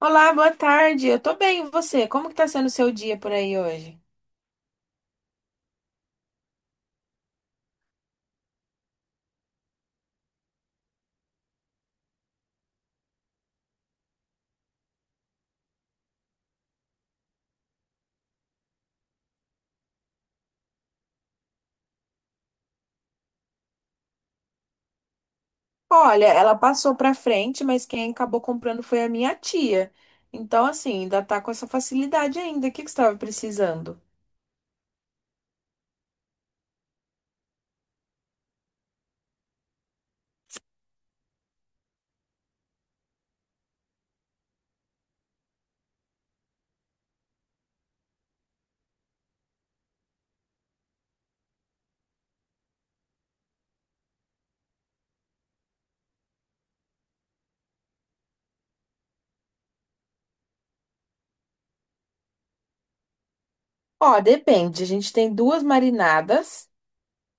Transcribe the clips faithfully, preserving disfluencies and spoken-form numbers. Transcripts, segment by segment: Olá, boa tarde. Eu tô bem, e você? Como que tá sendo o seu dia por aí hoje? Olha, ela passou pra frente, mas quem acabou comprando foi a minha tia. Então, assim, ainda tá com essa facilidade ainda. O que que você estava precisando? Ó, depende. A gente tem duas marinadas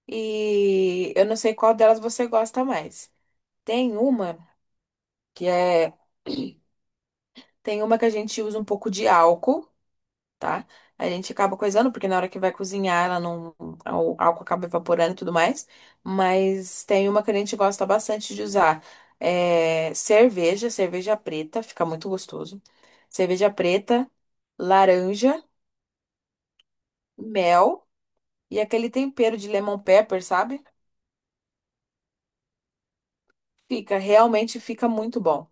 e eu não sei qual delas você gosta mais. Tem uma que é. Tem uma que a gente usa um pouco de álcool. Tá? A gente acaba coisando, porque na hora que vai cozinhar, ela não, o álcool acaba evaporando e tudo mais. Mas tem uma que a gente gosta bastante de usar. É cerveja, cerveja preta, fica muito gostoso. Cerveja preta, laranja, mel e aquele tempero de lemon pepper, sabe? Fica, realmente fica muito bom.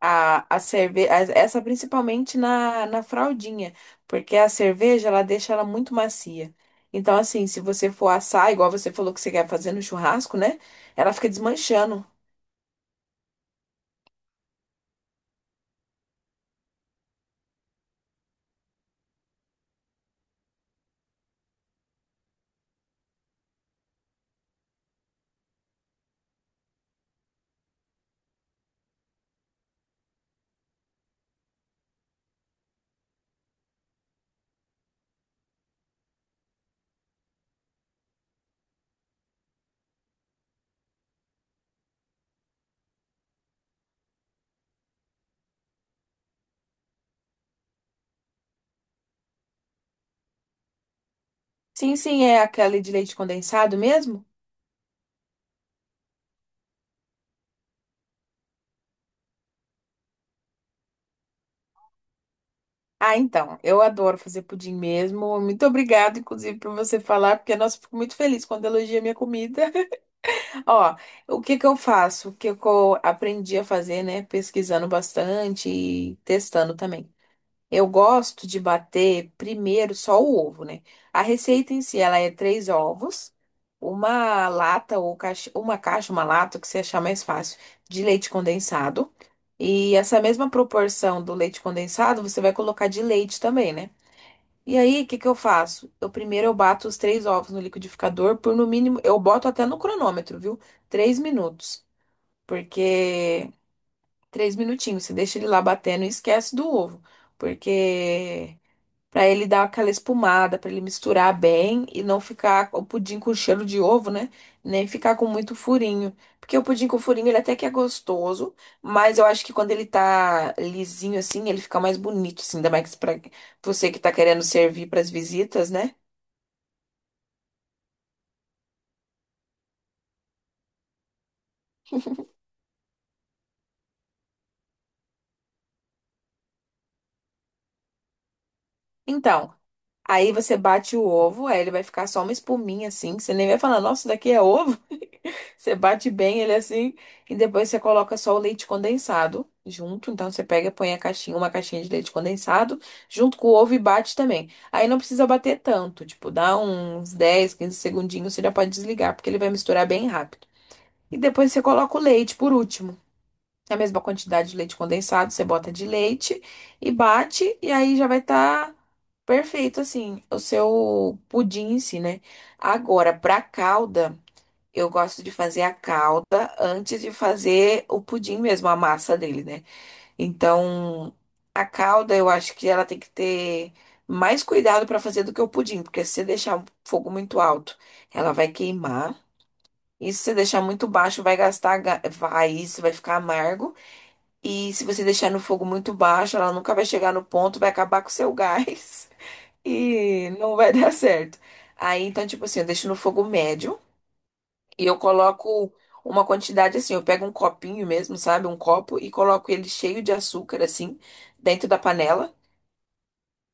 A, a cerveja, essa principalmente na, na fraldinha, porque a cerveja ela deixa ela muito macia. Então, assim, se você for assar, igual você falou que você quer fazer no churrasco, né? Ela fica desmanchando. Sim, sim, é aquela de leite condensado mesmo? Ah, então, eu adoro fazer pudim mesmo. Muito obrigada, inclusive, por você falar, porque, nossa, eu fico muito feliz quando elogia minha comida. Ó, o que que eu faço? O que que eu aprendi a fazer, né? Pesquisando bastante e testando também. Eu gosto de bater primeiro só o ovo, né? A receita em si, ela é três ovos, uma lata ou caixa, uma caixa, uma lata, o que você achar mais fácil, de leite condensado. E essa mesma proporção do leite condensado, você vai colocar de leite também, né? E aí, o que que eu faço? Eu primeiro eu bato os três ovos no liquidificador por no mínimo, eu boto até no cronômetro, viu? Três minutos, porque três minutinhos, você deixa ele lá batendo e esquece do ovo, porque pra ele dar aquela espumada, pra ele misturar bem e não ficar o pudim com cheiro de ovo, né? Nem ficar com muito furinho. Porque o pudim com furinho, ele até que é gostoso, mas eu acho que quando ele tá lisinho assim, ele fica mais bonito, assim, ainda mais pra você que tá querendo servir pras visitas, né? Então, aí você bate o ovo, aí ele vai ficar só uma espuminha assim, que você nem vai falar, nossa, isso daqui é ovo. Você bate bem ele assim e depois você coloca só o leite condensado junto. Então você pega põe a caixinha, uma caixinha de leite condensado junto com o ovo e bate também. Aí não precisa bater tanto, tipo, dá uns dez, quinze segundinhos, você já pode desligar, porque ele vai misturar bem rápido. E depois você coloca o leite por último. A mesma quantidade de leite condensado, você bota de leite e bate, e aí já vai estar perfeito assim o seu pudim em si, né? Agora, pra calda. Eu gosto de fazer a calda antes de fazer o pudim mesmo, a massa dele, né? Então, a calda eu acho que ela tem que ter mais cuidado para fazer do que o pudim, porque se você deixar o fogo muito alto, ela vai queimar. E se você deixar muito baixo, vai gastar ga- raiz, vai ficar amargo. E se você deixar no fogo muito baixo, ela nunca vai chegar no ponto, vai acabar com o seu gás e não vai dar certo. Aí, então, tipo assim, eu deixo no fogo médio. E eu coloco uma quantidade assim, eu pego um copinho mesmo, sabe? Um copo e coloco ele cheio de açúcar, assim, dentro da panela.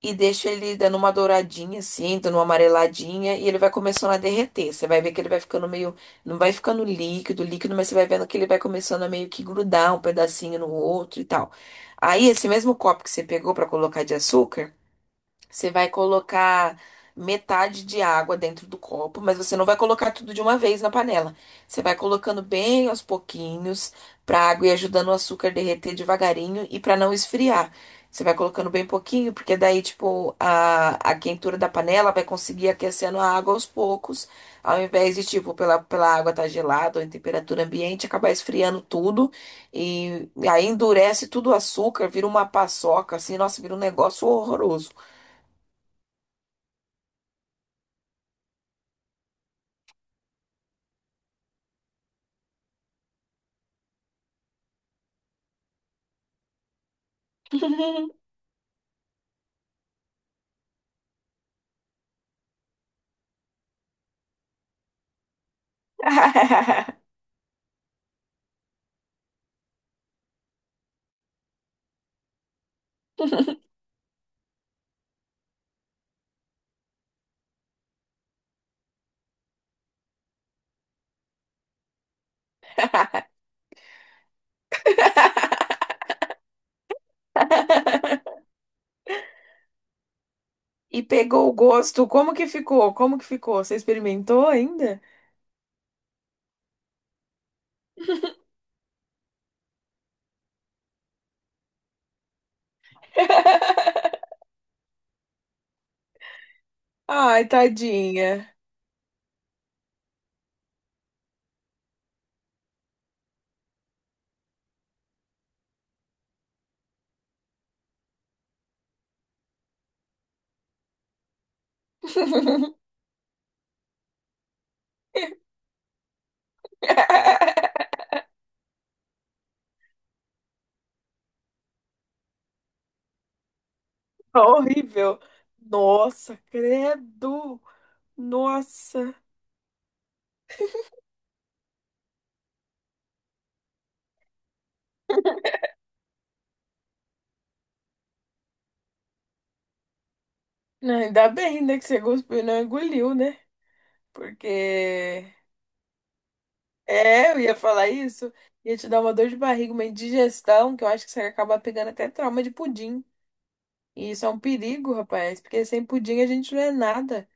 E deixo ele dando uma douradinha, assim, dando uma amareladinha, e ele vai começando a derreter. Você vai ver que ele vai ficando meio. Não vai ficando líquido, líquido, mas você vai vendo que ele vai começando a meio que grudar um pedacinho no outro e tal. Aí, esse mesmo copo que você pegou pra colocar de açúcar. Você vai colocar metade de água dentro do copo, mas você não vai colocar tudo de uma vez na panela. Você vai colocando bem aos pouquinhos para a água ir ajudando o açúcar a derreter devagarinho e para não esfriar. Você vai colocando bem pouquinho, porque daí, tipo, a, a quentura da panela vai conseguir aquecendo a água aos poucos, ao invés de, tipo, pela, pela água estar gelada ou em temperatura ambiente, acabar esfriando tudo e, e aí endurece tudo o açúcar, vira uma paçoca, assim, nossa, vira um negócio horroroso. E pegou o gosto. Como que ficou? Como que ficou? Você experimentou ainda? Ai, tadinha. Horrível. Nossa, credo. Nossa. Não, ainda bem, né, que você cuspiu e não engoliu, né? Porque. É, eu ia falar isso. Ia te dar uma dor de barriga, uma indigestão, que eu acho que você acaba pegando até trauma de pudim. E isso é um perigo, rapaz. Porque sem pudim a gente não é nada.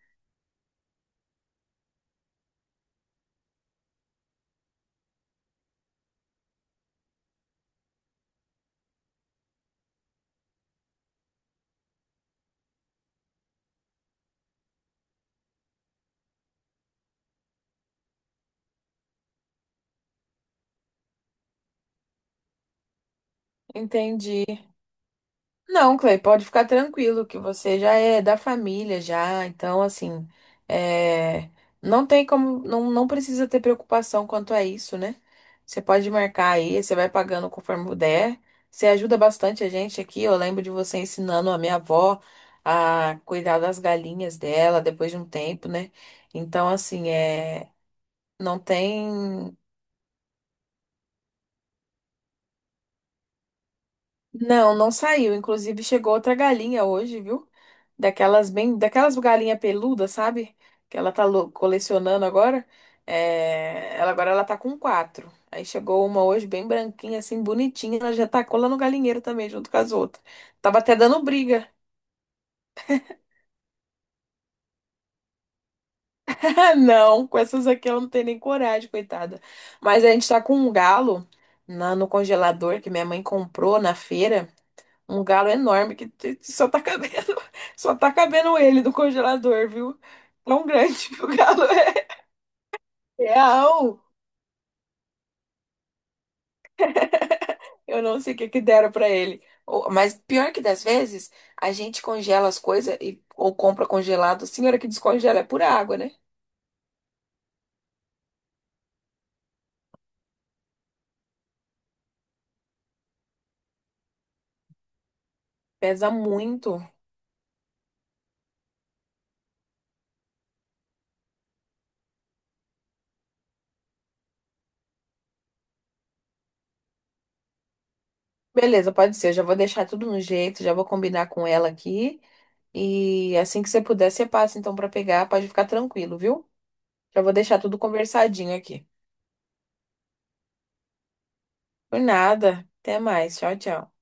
Entendi. Não, Clay, pode ficar tranquilo que você já é da família já, então assim, é, não tem como, não, não precisa ter preocupação quanto a isso, né? Você pode marcar aí, você vai pagando conforme puder. Você ajuda bastante a gente aqui. Eu lembro de você ensinando a minha avó a cuidar das galinhas dela depois de um tempo, né? Então assim, é, não tem Não, não saiu. Inclusive, chegou outra galinha hoje, viu? Daquelas bem, daquelas galinha peluda, sabe? Que ela tá lo- colecionando agora. É, ela agora ela tá com quatro. Aí chegou uma hoje bem branquinha, assim, bonitinha. Ela já tacou lá no galinheiro também, junto com as outras. Tava até dando briga. Ah, não, com essas aqui ela não tem nem coragem, coitada. Mas a gente tá com um galo na- no congelador que minha mãe comprou na feira. Um galo enorme que te- te- só tá cabendo, só tá cabendo ele do congelador, viu? Tão grande que o galo é. Real. Eu não sei o que que deram pra ele. Ou- Mas pior que das vezes, a gente congela as coisas e ou compra congelado. A senhora que descongela é pura água, né? Pesa muito. Beleza, pode ser. Eu já vou deixar tudo no jeito, já vou combinar com ela aqui. E assim que você puder, você passa então pra pegar. Pode ficar tranquilo, viu? Já vou deixar tudo conversadinho aqui. Por nada. Até mais. Tchau, tchau.